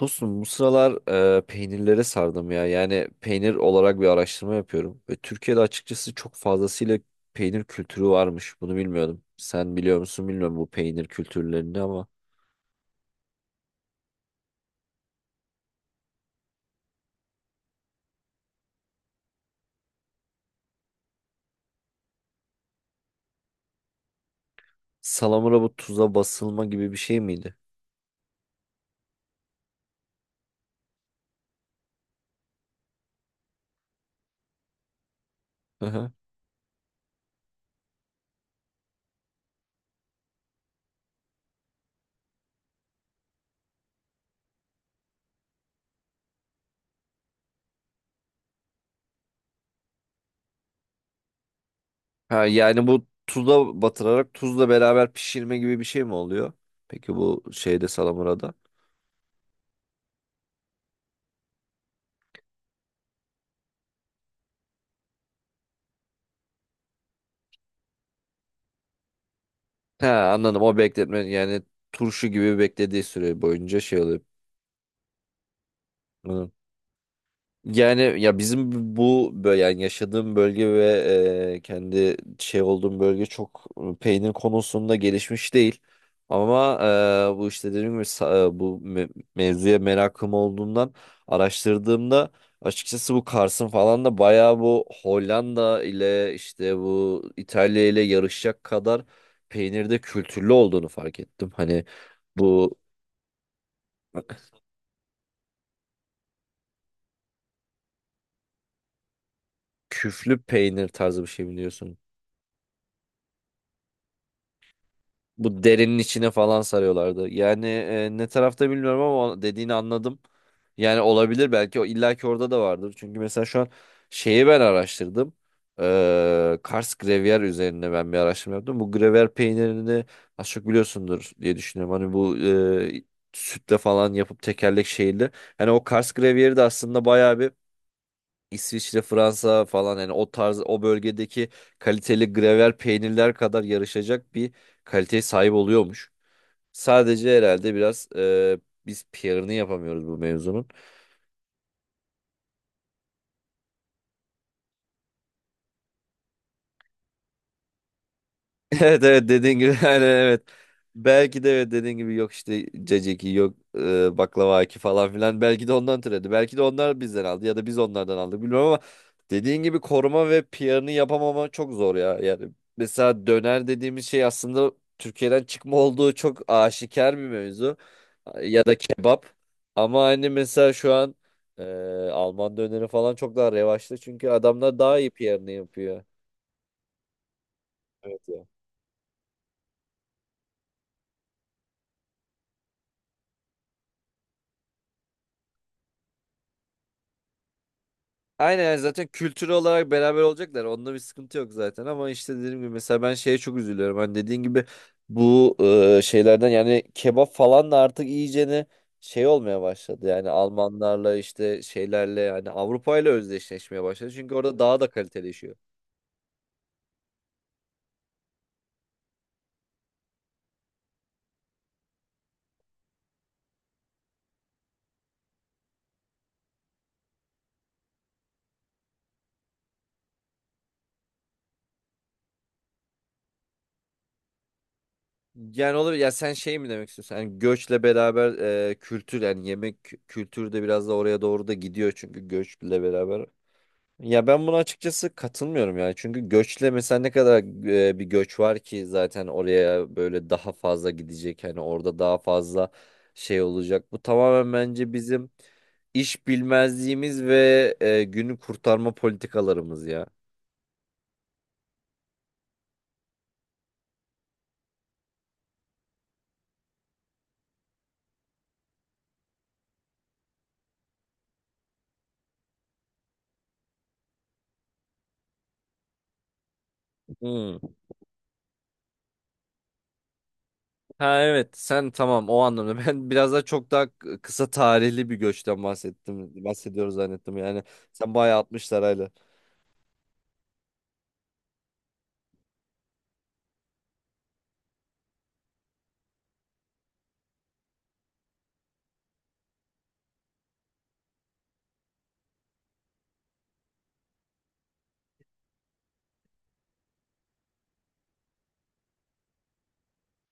Dostum bu sıralar peynirlere sardım ya. Yani peynir olarak bir araştırma yapıyorum. Ve Türkiye'de açıkçası çok fazlasıyla peynir kültürü varmış. Bunu bilmiyordum. Sen biliyor musun bilmiyorum bu peynir kültürlerini ama salamura bu tuza basılma gibi bir şey miydi? Hı hı. Ha, yani bu tuza batırarak tuzla beraber pişirme gibi bir şey mi oluyor? Peki bu şeyde salamurada. He anladım o bekletme yani turşu gibi beklediği süre boyunca şey oluyor. Yani ya bizim yani yaşadığım bölge ve kendi şey olduğum bölge çok peynir konusunda gelişmiş değil. Ama bu işte dediğim gibi mevzuya merakım olduğundan araştırdığımda açıkçası bu Kars'ın falan da bayağı bu Hollanda ile işte bu İtalya ile yarışacak kadar peynirde kültürlü olduğunu fark ettim. Hani bu küflü peynir tarzı bir şey biliyorsun. Bu derinin içine falan sarıyorlardı. Yani ne tarafta bilmiyorum ama dediğini anladım. Yani olabilir belki o illaki orada da vardır. Çünkü mesela şu an şeyi ben araştırdım. Kars Gruyère üzerine ben bir araştırma yaptım. Bu Gruyère peynirini az çok biliyorsundur diye düşünüyorum. Hani bu sütle falan yapıp tekerlek şeyli. Hani o Kars Gruyère'i de aslında bayağı bir İsviçre, Fransa falan yani o tarz o bölgedeki kaliteli grevel peynirler kadar yarışacak bir kaliteye sahip oluyormuş. Sadece herhalde biraz biz PR'ını yapamıyoruz bu mevzunun. Evet evet dediğin gibi aynen evet. Belki de evet dediğin gibi yok işte caciki yok baklava aki falan filan belki de ondan türedi. Belki de onlar bizden aldı ya da biz onlardan aldık bilmiyorum ama dediğin gibi koruma ve PR'ını yapamama çok zor ya. Yani mesela döner dediğimiz şey aslında Türkiye'den çıkma olduğu çok aşikar bir mevzu ya da kebap ama hani mesela şu an e, Alman döneri falan çok daha revaçta çünkü adamlar daha iyi PR'ını yapıyor. Evet. Aynen yani zaten kültür olarak beraber olacaklar. Onda bir sıkıntı yok zaten ama işte dediğim gibi mesela ben şeye çok üzülüyorum. Hani dediğin gibi bu şeylerden yani kebap falan da artık iyicene şey olmaya başladı. Yani Almanlarla işte şeylerle yani Avrupa ile özdeşleşmeye başladı. Çünkü orada daha da kaliteleşiyor. Yani olur ya sen şey mi demek istiyorsun? Yani göçle beraber kültür yani yemek kültürü de biraz da oraya doğru da gidiyor çünkü göçle beraber. Ya ben buna açıkçası katılmıyorum yani. Çünkü göçle mesela ne kadar bir göç var ki zaten oraya böyle daha fazla gidecek. Hani orada daha fazla şey olacak. Bu tamamen bence bizim iş bilmezliğimiz ve günü kurtarma politikalarımız ya. Hmm. Ha evet sen tamam o anlamda. Ben biraz daha çok daha kısa tarihli bir göçten bahsettim. Bahsediyoruz zannettim yani. Sen bayağı 60'lar hala.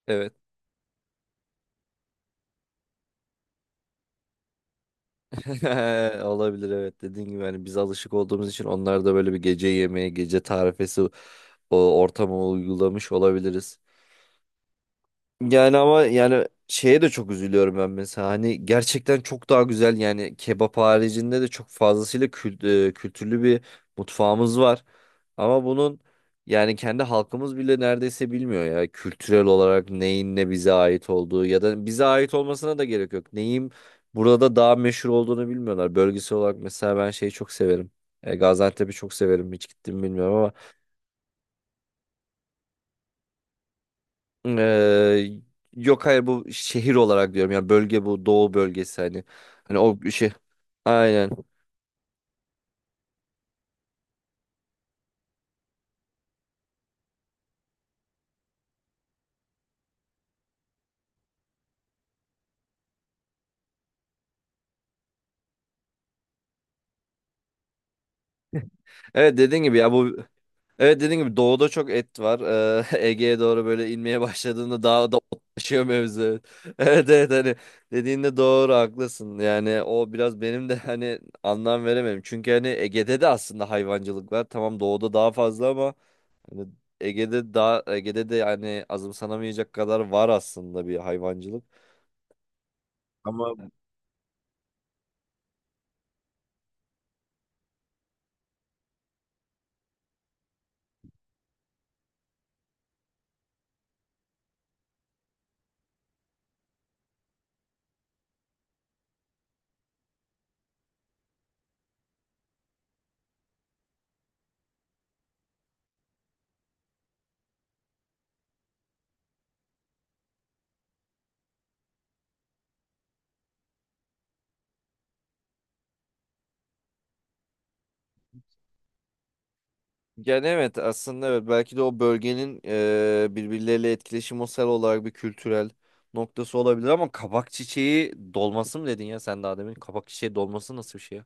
Evet. Olabilir evet dediğin gibi hani biz alışık olduğumuz için onlar da böyle bir gece yemeği, gece tarifesi o ortama uygulamış olabiliriz. Yani ama yani şeye de çok üzülüyorum ben mesela hani gerçekten çok daha güzel yani kebap haricinde de çok fazlasıyla kültürlü bir mutfağımız var. Ama bunun yani kendi halkımız bile neredeyse bilmiyor ya kültürel olarak neyin ne bize ait olduğu ya da bize ait olmasına da gerek yok. Neyin burada daha meşhur olduğunu bilmiyorlar. Bölgesel olarak mesela ben şeyi çok severim. E, Gaziantep'i çok severim hiç gittim mi bilmiyorum ama Ee, yok hayır bu şehir olarak diyorum yani bölge bu doğu bölgesi hani hani o şey aynen evet dediğin gibi ya bu evet dediğin gibi doğuda çok et var. Ege'ye doğru böyle inmeye başladığında daha da otlaşıyor mevzu. Evet evet hani dediğinde doğru haklısın yani o biraz benim de hani anlam veremem çünkü hani Ege'de de aslında hayvancılık var tamam doğuda daha fazla ama hani Ege'de de yani azımsanamayacak kadar var aslında bir hayvancılık. Ama yani evet aslında evet belki de o bölgenin birbirleriyle etkileşimsel olarak bir kültürel noktası olabilir ama kabak çiçeği dolması mı dedin ya sen daha demin? Kabak çiçeği dolması nasıl bir şey ya?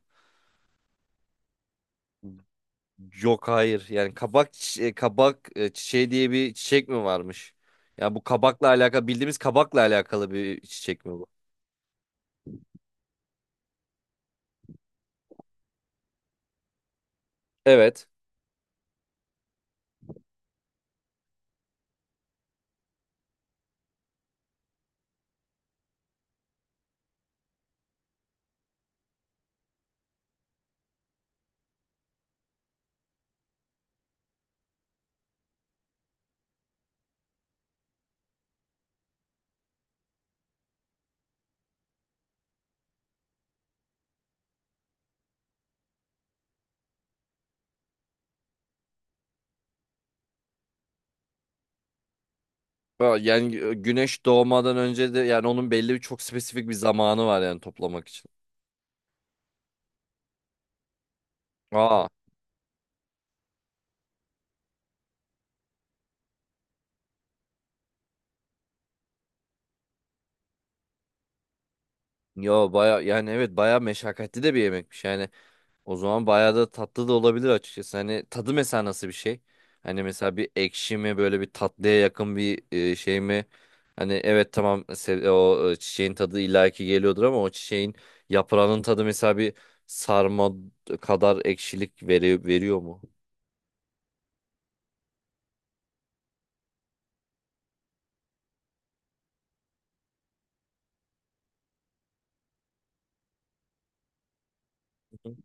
Yok hayır yani kabak çi- e, kabak e, çiçeği diye bir çiçek mi varmış? Yani bu kabakla alakalı bildiğimiz kabakla alakalı bir çiçek mi bu? Evet. Ha, yani güneş doğmadan önce de yani onun belli bir çok spesifik bir zamanı var yani toplamak için. Aa. Yo baya yani evet baya meşakkatli de bir yemekmiş yani o zaman baya da tatlı da olabilir açıkçası hani tadı mesela nasıl bir şey hani mesela bir ekşi mi böyle bir tatlıya yakın bir şey mi hani evet tamam çiçeğin tadı illaki geliyordur ama o çiçeğin yaprağının tadı mesela bir sarma kadar ekşilik veriyor, veriyor mu? Hı.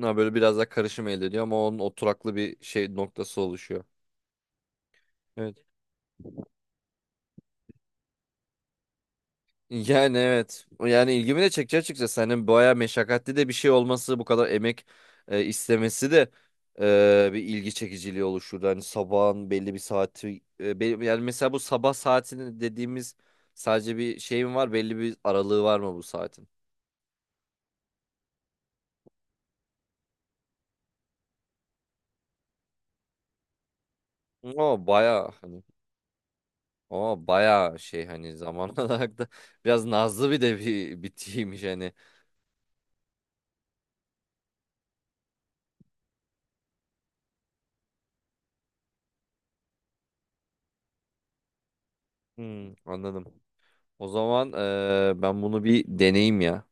Ha, böyle biraz daha karışım elde ediyor ama onun oturaklı bir şey noktası oluşuyor. Evet. Yani evet. Yani ilgimi de çekici açıkçası. Hani bayağı meşakkatli de bir şey olması, bu kadar emek istemesi de bir ilgi çekiciliği oluşturdu. Hani sabahın belli bir saati yani mesela bu sabah saatini dediğimiz sadece bir şey mi var? Belli bir aralığı var mı bu saatin? O bayağı hani o bayağı şey hani zaman olarak da biraz nazlı bir de bir bitiymiş hani. Hmm, anladım. O zaman ben bunu bir deneyeyim ya.